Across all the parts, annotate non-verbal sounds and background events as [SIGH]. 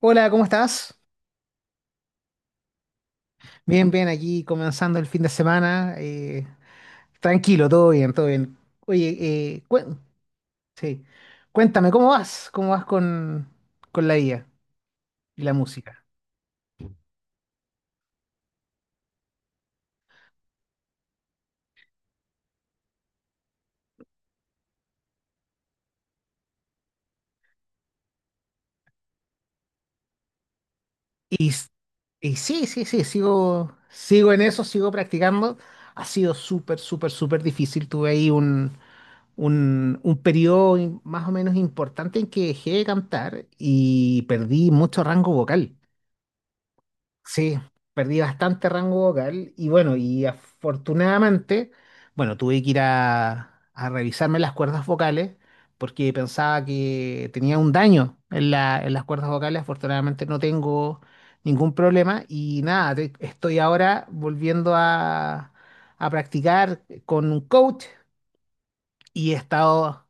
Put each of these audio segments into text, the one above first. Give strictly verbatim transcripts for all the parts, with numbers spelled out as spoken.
Hola, ¿cómo estás? Bien, bien, aquí comenzando el fin de semana. Eh, tranquilo, todo bien, todo bien. Oye, eh, cuen- sí. Cuéntame, ¿cómo vas? ¿Cómo vas con, con la I A y la música? Y, s- y sí, sí, sí, sigo, sigo en eso, sigo practicando. Ha sido súper, súper, súper difícil. Tuve ahí un, un, un periodo in- más o menos importante en que dejé de cantar y perdí mucho rango vocal. Sí, perdí bastante rango vocal y bueno, y afortunadamente, bueno, tuve que ir a, a revisarme las cuerdas vocales porque pensaba que tenía un daño en la- en las cuerdas vocales. Afortunadamente no tengo ningún problema y nada, te- estoy ahora volviendo a, a practicar con un coach y he estado,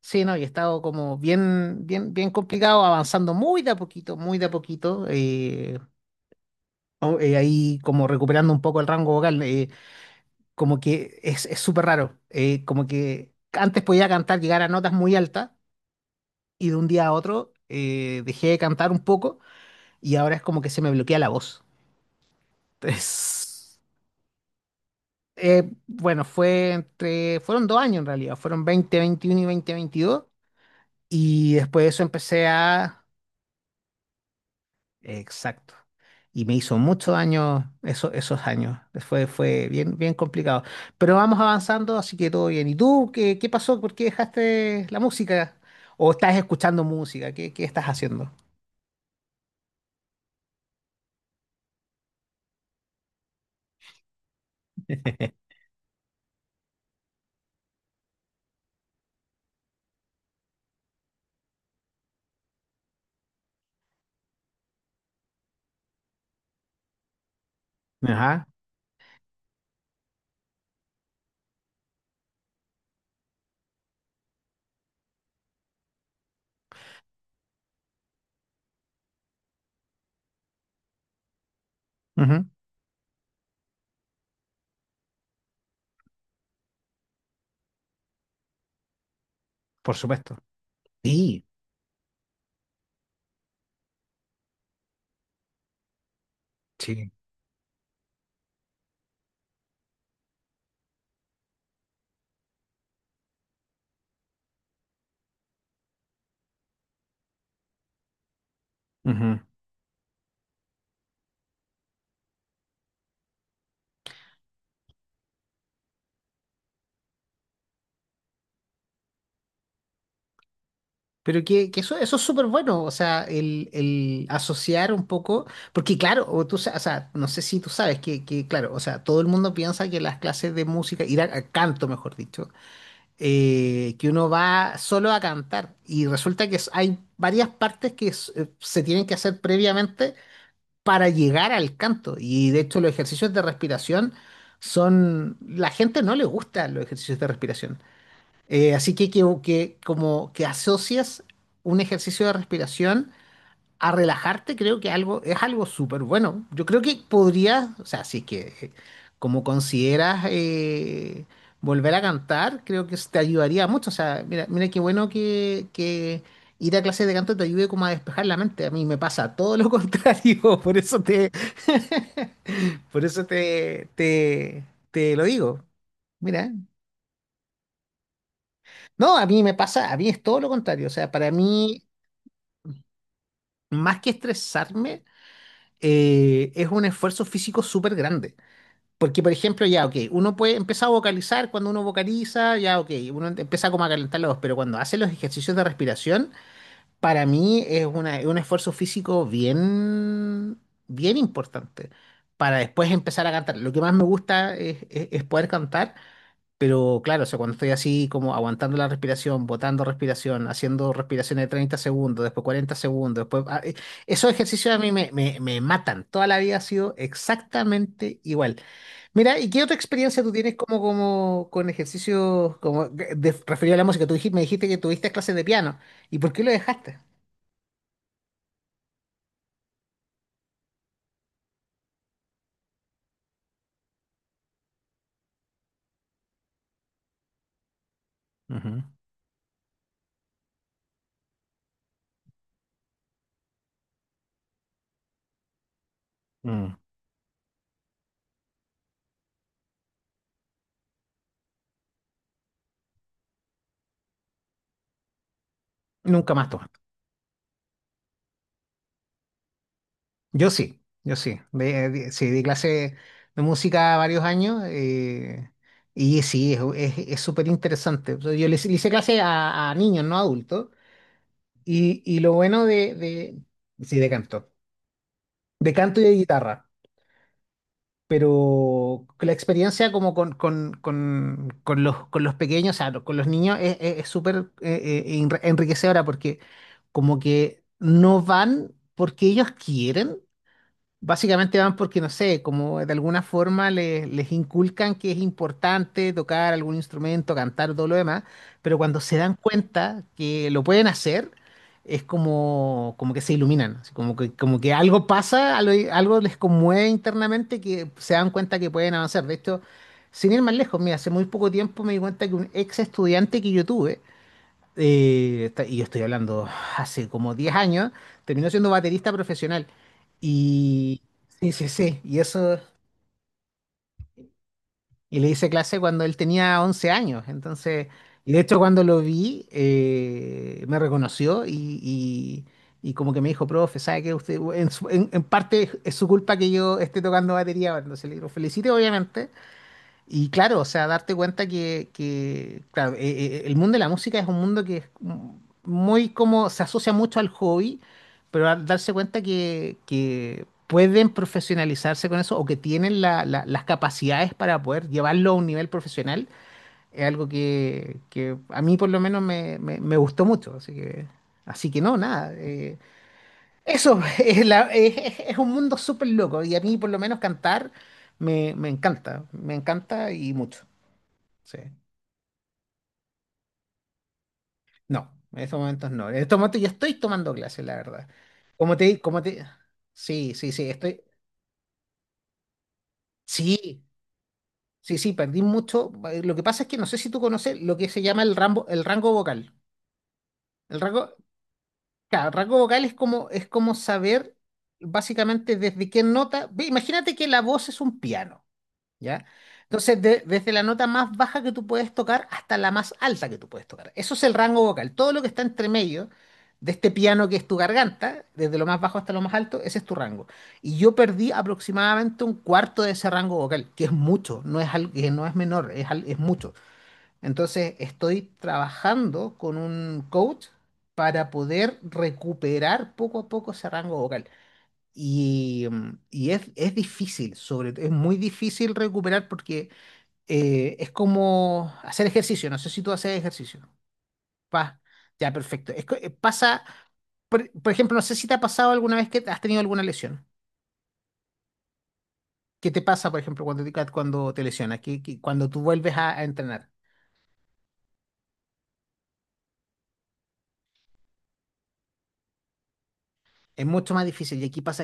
sí, no, y he estado como bien, bien, bien complicado, avanzando muy de a poquito, muy de a poquito. Eh, o- eh, ahí como recuperando un poco el rango vocal, eh, como que es es súper raro, eh, como que antes podía cantar, llegar a notas muy altas y de un día a otro eh, dejé de cantar un poco y ahora es como que se me bloquea la voz. [LAUGHS] Entonces, eh, bueno, fue entre, fueron dos años en realidad, fueron veinte veintiuno y veinte veintidós y después de eso empecé a. Exacto. Y me hizo muchos años, eso, esos años. Fue, fue bien, bien complicado. Pero vamos avanzando, así que todo bien. ¿Y tú qué, qué pasó? ¿Por qué dejaste la música? ¿O estás escuchando música? ¿Qué, qué estás haciendo? [LAUGHS] Ajá. Ujú. Por supuesto. Sí, sí. Ujú. Pero que, que eso, eso es súper bueno, o sea, el, el asociar un poco, porque claro, o tú, sa- o sea, no sé si tú sabes que, que, claro, o sea, todo el mundo piensa que las clases de música, ir a, a canto, mejor dicho, eh, que uno va solo a cantar y resulta que es- hay varias partes que s- eh, se tienen que hacer previamente para llegar al canto y de hecho los ejercicios de respiración son. La gente no le gustan los ejercicios de respiración. Eh, así que, que, que como que asocias un ejercicio de respiración a relajarte, creo que algo, es algo súper bueno. Yo creo que podrías, o sea, si es que eh, como consideras eh, volver a cantar, creo que eso te ayudaría mucho. O sea, mira, mira qué bueno que, que ir a clases de canto te ayude como a despejar la mente. A mí me pasa todo lo [LAUGHS] contrario, por eso te, [LAUGHS] por eso te, te, te lo digo. Mira, no, a mí me pasa, a mí es todo lo contrario. O sea, para mí, más que estresarme, eh, es un esfuerzo físico súper grande. Porque, por ejemplo, ya, ok, uno puede empezar a vocalizar, cuando uno vocaliza, ya, ok, uno em- empieza como a calentar la voz, pero cuando hace los ejercicios de respiración, para mí es una- es un esfuerzo físico bien, bien importante para después empezar a cantar. Lo que más me gusta es, es- es poder cantar, pero claro, o sea, cuando estoy así como aguantando la respiración, botando respiración, haciendo respiraciones de treinta segundos, después cuarenta segundos, después. ah, eh, Esos ejercicios a mí me, me, me matan. Toda la vida ha sido exactamente igual. Mira, ¿y qué otra experiencia tú tienes como, como con ejercicios como de, de- referido a la música? Tú dijiste, me dijiste que tuviste clases de piano. ¿Y por qué lo dejaste? Ujú. Mm. Nunca más pues. Yo sí, yo sí. De- de- sí, di clase de música varios años eh, y sí, es es súper interesante. Yo le, hice, le hice clase a, a niños, no a adultos. Y, y lo bueno de, de. Sí, de canto. De canto y de guitarra. Pero la experiencia como con, con, con, con los, con los pequeños, o sea, con los niños, es es- es súper eh, eh, enriquecedora porque como que no van porque ellos quieren. Básicamente van porque, no sé, como de alguna forma les les inculcan que es importante tocar algún instrumento, cantar, todo lo demás, pero cuando se dan cuenta que lo pueden hacer, es como, como que se iluminan, así como que, como que algo pasa, algo, algo les conmueve internamente que se dan cuenta que pueden avanzar. De hecho, sin ir más lejos, mira, hace muy poco tiempo me di cuenta que un ex estudiante que yo tuve, eh, está- y yo estoy hablando hace como diez años, terminó siendo baterista profesional. Y sí, sí, sí, y eso, y le hice clase cuando él tenía once años. Entonces, y de hecho cuando lo vi, eh, me reconoció y, y- y como que me dijo, profe, ¿sabe que usted, en, su- en- en parte es su culpa que yo esté tocando batería ahora? Entonces le digo, felicite, obviamente, y claro, o sea, darte cuenta que, que, claro, eh, eh, el mundo de la música es un mundo que es muy como, se asocia mucho al hobby, pero al darse cuenta que, que pueden profesionalizarse con eso o que tienen la- la- las capacidades para poder llevarlo a un nivel profesional, es algo que, que a mí por lo menos me, me- me gustó mucho. Así que, así que no, nada. Eh, eso [LAUGHS] es, la- es- es- es un mundo súper loco y a mí por lo menos cantar me me encanta, me encanta y mucho. Sí. No, en estos momentos no. En estos momentos yo estoy tomando clases, la verdad. Como te, como te. Sí, sí, sí, estoy. Sí, sí, sí, perdí mucho. Eh, Lo que pasa es que no sé si tú conoces lo que se llama el rango, el rango vocal. El rango, claro, el rango vocal es como, es como saber básicamente desde qué nota. ve, Imagínate que la voz es un piano. ¿Ya? Entonces, de- desde la nota más baja que tú puedes tocar hasta la más alta que tú puedes tocar. Eso es el rango vocal. Todo lo que está entre medio de este piano que es tu garganta, desde lo más bajo hasta lo más alto, ese es tu rango. Y yo perdí aproximadamente un cuarto de ese rango vocal, que es mucho, no es, al- que no es menor, es, al- es mucho. Entonces, estoy trabajando con un coach para poder recuperar poco a poco ese rango vocal. Y, mm, y es, es difícil, sobre todo, es muy difícil recuperar porque eh, es como hacer ejercicio. No sé si tú haces ejercicio. Pa, ya, perfecto. Es co- eh, pasa, por, por ejemplo, no sé si te ha pasado alguna vez que has tenido alguna lesión. ¿Qué te pasa, por ejemplo, cuando te, cuando te lesionas? Que, que cuando tú vuelves a, a entrenar. Es mucho más difícil y aquí pasa.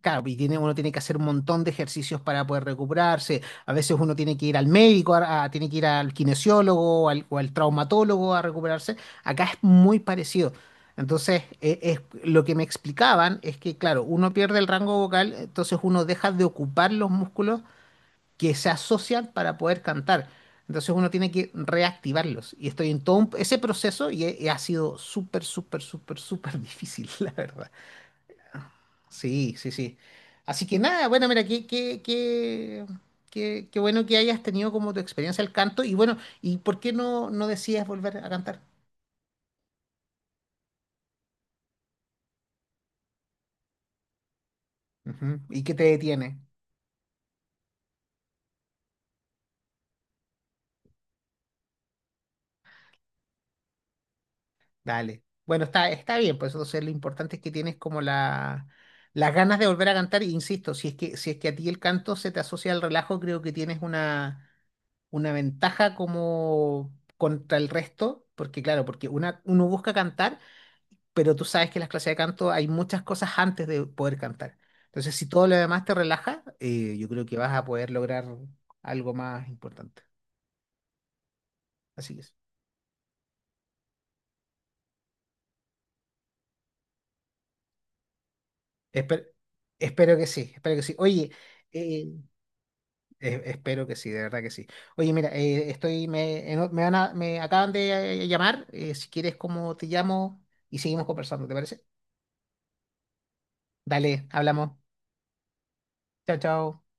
Claro, y tiene, uno tiene que hacer un montón de ejercicios para poder recuperarse. A veces uno tiene que ir al médico, a- a- tiene que ir al kinesiólogo o al, o al traumatólogo a recuperarse. Acá es muy parecido. Entonces, eh, es, lo que me explicaban es que, claro, uno pierde el rango vocal, entonces uno deja de ocupar los músculos que se asocian para poder cantar. Entonces uno tiene que reactivarlos. Y estoy en todo un- ese proceso y, he- y ha sido súper, súper, súper, súper [LAUGHS] difícil, la verdad. Sí, sí, sí. Así que nada, bueno, mira, qué, qué, qué, qué, qué bueno que hayas tenido como tu experiencia al canto y bueno, ¿y por qué no, no decides volver a cantar? Ujú, ¿y qué te detiene? Dale. Bueno, está, está bien, pues entonces lo importante es que tienes como la, las ganas de volver a cantar, e insisto, si es que, si es que a ti el canto se te asocia al relajo, creo que tienes una, una ventaja como contra el resto, porque claro, porque una, uno busca cantar pero tú sabes que en las clases de canto hay muchas cosas antes de poder cantar. Entonces, si todo lo demás te relaja, eh, yo creo que vas a poder lograr algo más importante. Así que es. Espe- Espero que sí, espero que sí. Oye, eh, eh, espero que sí, de verdad que sí. Oye, mira, eh, estoy, me, en- me van a- me acaban de eh, llamar. Eh, si quieres, como te llamo y seguimos conversando, ¿te parece? Dale, hablamos. Chao, chao.